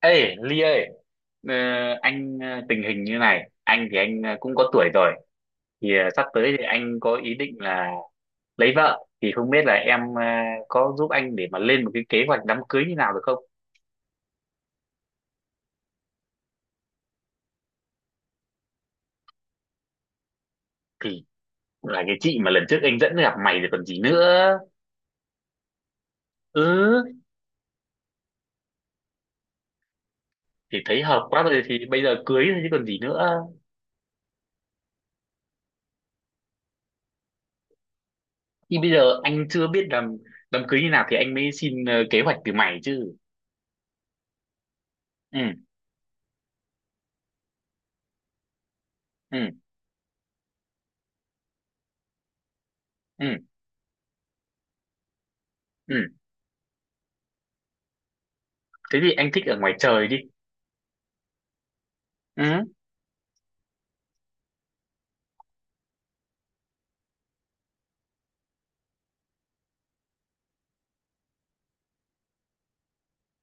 Ê, Ly ơi, ờ, anh tình hình như này, anh thì anh cũng có tuổi rồi, thì sắp tới thì anh có ý định là lấy vợ, thì không biết là em có giúp anh để mà lên một cái kế hoạch đám cưới như nào được không? Thì là cái chị mà lần trước anh dẫn gặp mày rồi còn gì nữa. Ừ, thì thấy hợp quá rồi thì bây giờ cưới thôi chứ còn gì nữa. Thì bây giờ anh chưa biết làm đám cưới như nào thì anh mới xin kế hoạch từ mày chứ. Ừ, ừ, ừ, ừ, thế thì anh thích ở ngoài trời đi. Ừ,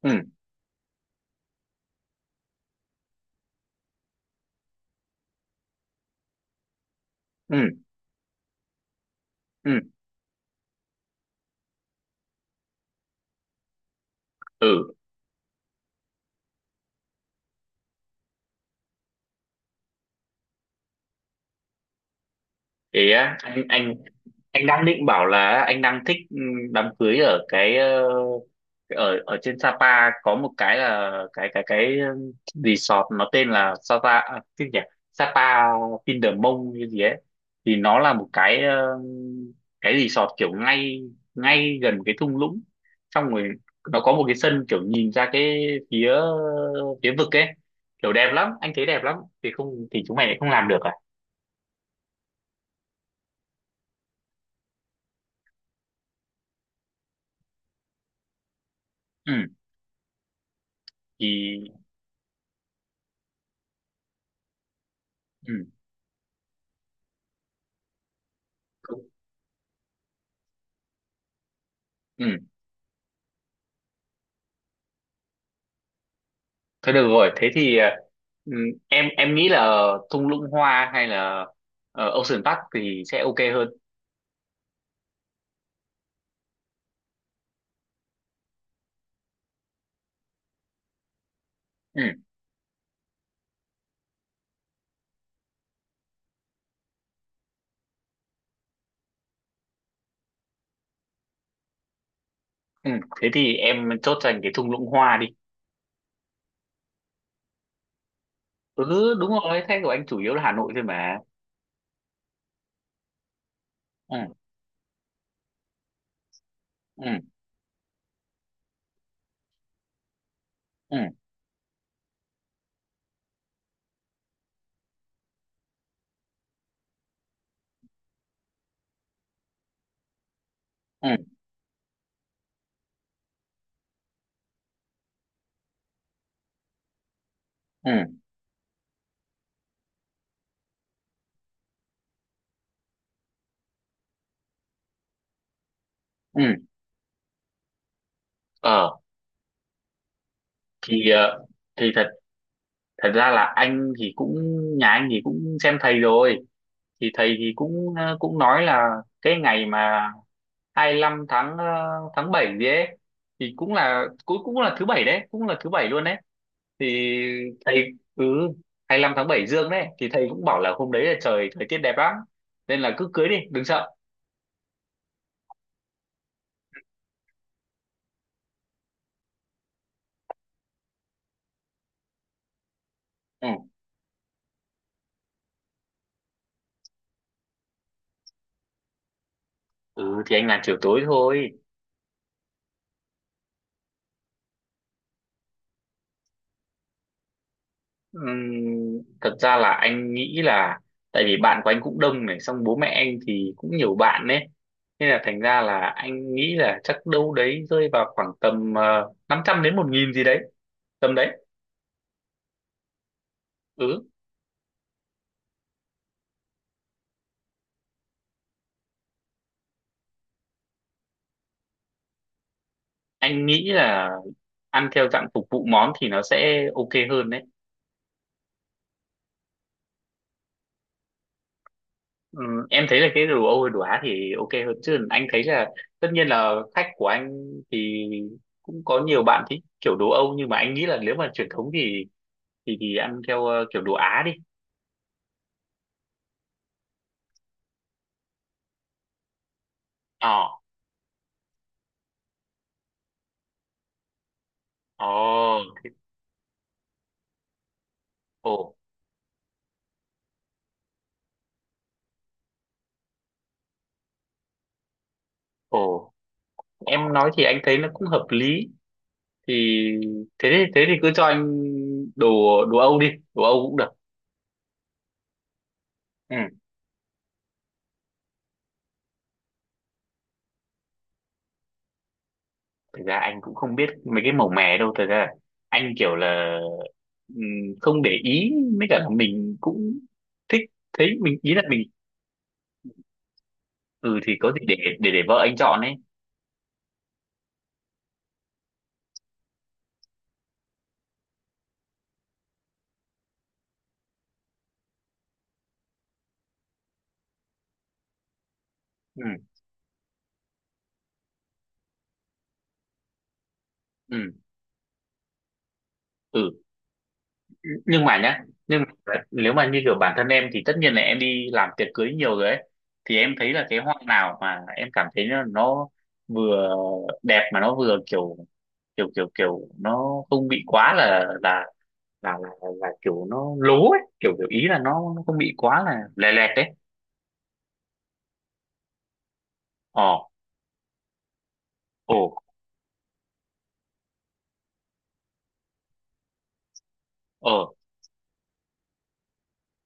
ừ. Ừ. Ừ, ừ, thế á? Anh đang định bảo là anh đang thích đám cưới ở cái ở ở trên Sapa có một cái là cái resort nó tên là Sapa à, cái gì nhỉ, Sapa Vindermong như gì ấy, thì nó là một cái cái resort kiểu ngay ngay gần cái thung lũng, xong rồi nó có một cái sân kiểu nhìn ra cái phía phía vực ấy, kiểu đẹp lắm, anh thấy đẹp lắm. Thì không thì chúng mày lại không làm được à? Ừ, thì ừ cũng- ừ, thôi được rồi, thế thì ừ, em nghĩ là thung lũng hoa hay là Ocean Park thì sẽ ok hơn. Ừ, ừ, thế thì em chốt dành cái thung lũng hoa đi. Ừ, đúng rồi, thế của anh chủ yếu là Hà Nội thôi mà. Ừ. Ừ. Ừ. Ừ. Ừ. Ừ. ờ thì ờ, thì thật thật ra là anh thì cũng, nhà anh thì cũng xem thầy rồi, thì thầy thì cũng nói là cái ngày mà 25 tháng 7 gì ấy, thì cũng là thứ bảy đấy, cũng là thứ bảy luôn đấy. Thì thầy Ừ, 25 tháng 7 dương đấy thì thầy cũng bảo là hôm đấy là trời thời tiết đẹp lắm, nên là cứ cưới đi đừng sợ. Ừ, ừ, thì anh làm chiều tối thôi. Thật ra là anh nghĩ là, tại vì bạn của anh cũng đông này, xong bố mẹ anh thì cũng nhiều bạn đấy, nên là thành ra là anh nghĩ là chắc đâu đấy rơi vào khoảng tầm 500 đến 1.000 gì đấy, tầm đấy. Ừ, anh nghĩ là ăn theo dạng phục vụ món thì nó sẽ ok hơn đấy. Ừ, em thấy là cái đồ Âu hay đồ Á thì ok hơn chứ, anh thấy là tất nhiên là khách của anh thì cũng có nhiều bạn thích kiểu đồ Âu, nhưng mà anh nghĩ là nếu mà truyền thống thì ăn theo kiểu đồ Á đi. ờ Ồ. Ồ. Ồ. Em nói thì anh thấy nó cũng hợp lý. Thì thế thì cứ cho anh đồ đồ Âu đi, đồ Âu cũng được. Ừ, thực ra anh cũng không biết mấy cái màu mè đâu, thực ra anh kiểu là ừm, không để ý, mới cả là mình cũng thích, thấy mình ý là mình. Ừ, thì có gì để vợ anh chọn ấy. Ừ. Ừ. Ừ. Nhưng mà nhá, nhưng mà nếu mà như kiểu bản thân em thì tất nhiên là em đi làm tiệc cưới nhiều rồi ấy, thì em thấy là cái hoa nào mà em cảm thấy nó vừa đẹp mà nó vừa kiểu kiểu kiểu kiểu nó không bị quá là kiểu nó lố ấy, kiểu kiểu ý là nó không bị quá là lè lẹt đấy. ờ Ồ. ờ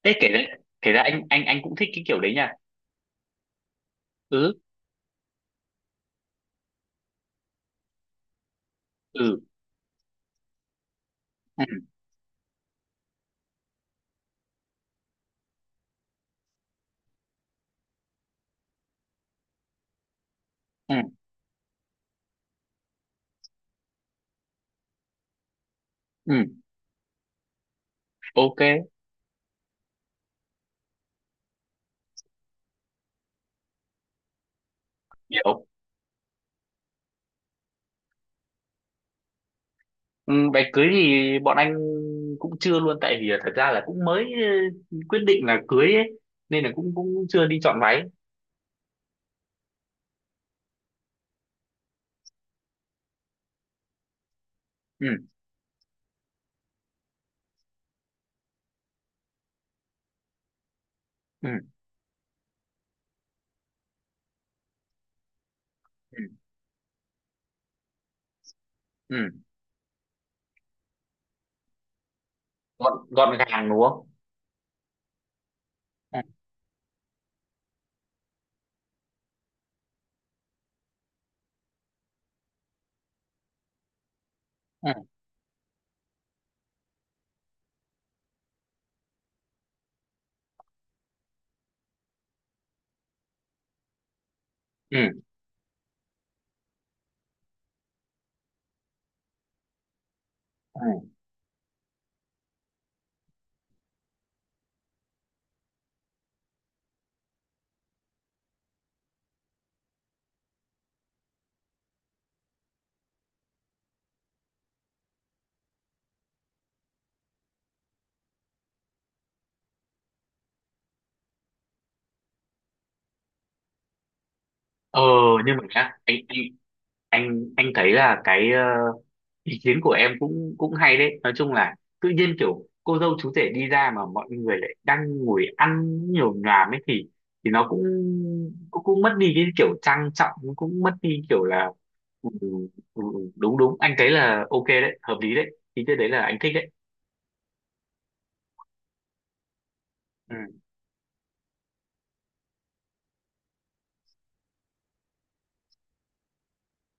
Thế kể ra anh cũng thích cái kiểu đấy nha. Ừ. Ừ. Ừ. Ừ, ừ. Ok, hiểu. Ừ, đám cưới thì bọn anh cũng chưa luôn, tại vì là thật ra là cũng mới quyết định là cưới ấy, nên là cũng cũng chưa đi chọn váy. Ừ. Ừ. Ừ. Ừ. gọn gọn gàng đúng không? Ừ. Ừ. Ừ. Ừ. ờ nhưng mà nhá, anh thấy là cái ý kiến của em cũng cũng hay đấy, nói chung là tự nhiên kiểu cô dâu chú rể đi ra mà mọi người lại đang ngồi ăn nhiều nhòm ấy, thì nó cũng cũng, cũng mất đi cái kiểu trang trọng, nó cũng mất đi kiểu là, ừ, ừ, ừ, ừ, đúng đúng, anh thấy là ok đấy, hợp lý đấy, ý cái đấy là anh thích đấy. Ừ.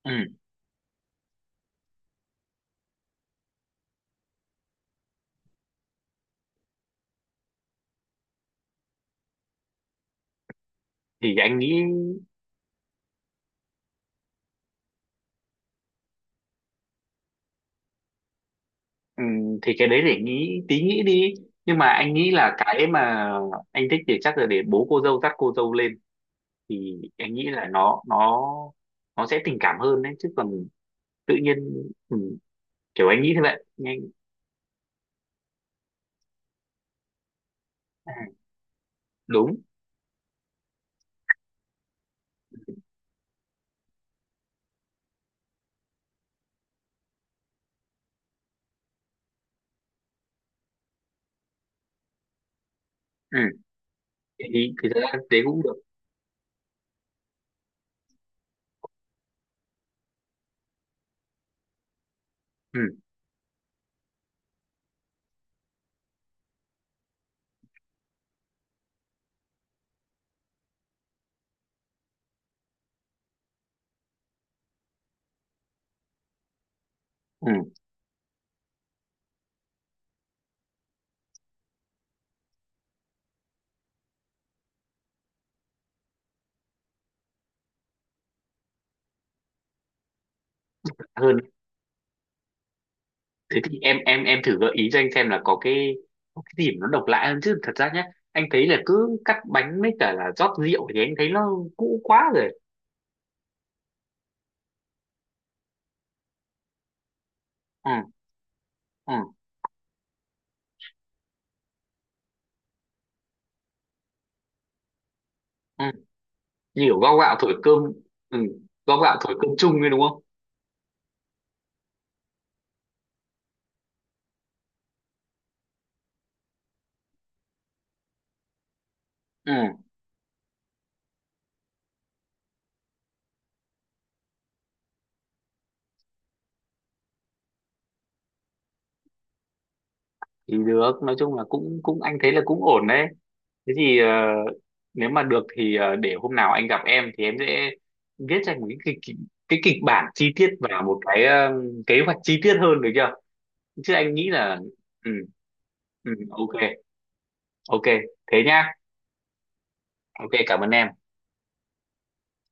Ừ. Thì anh nghĩ ừ, thì cái đấy để nghĩ tí, nghĩ đi, nhưng mà anh nghĩ là cái mà anh thích thì chắc là để bố cô dâu dắt cô dâu lên, thì em nghĩ là nó sẽ tình cảm hơn đấy, chứ còn tự nhiên ừ, kiểu anh nghĩ thế, vậy nhanh. À, đúng. Ừ. thì thật ra thế cũng được. Ừ. Ừ. Hơn. Thế thì em thử gợi ý cho anh xem là có cái điểm nó độc lạ hơn chứ, thật ra nhé, anh thấy là cứ cắt bánh với cả là rót rượu thì anh thấy nó cũ quá rồi. Ừ. Ừ. Ừ. Như kiểu gao gạo thổi cơm. Ừ, gao gạo thổi cơm chung ấy đúng không? Ừ, thì được, nói chung là cũng cũng anh thấy là cũng ổn đấy. Thế thì nếu mà được thì để hôm nào anh gặp em thì em sẽ viết ra một cái kịch bản chi tiết và một cái kế hoạch chi tiết hơn được chưa? Chứ anh nghĩ là. Ừ, ừ, ok, ok, thế nhá, ok, cảm ơn em.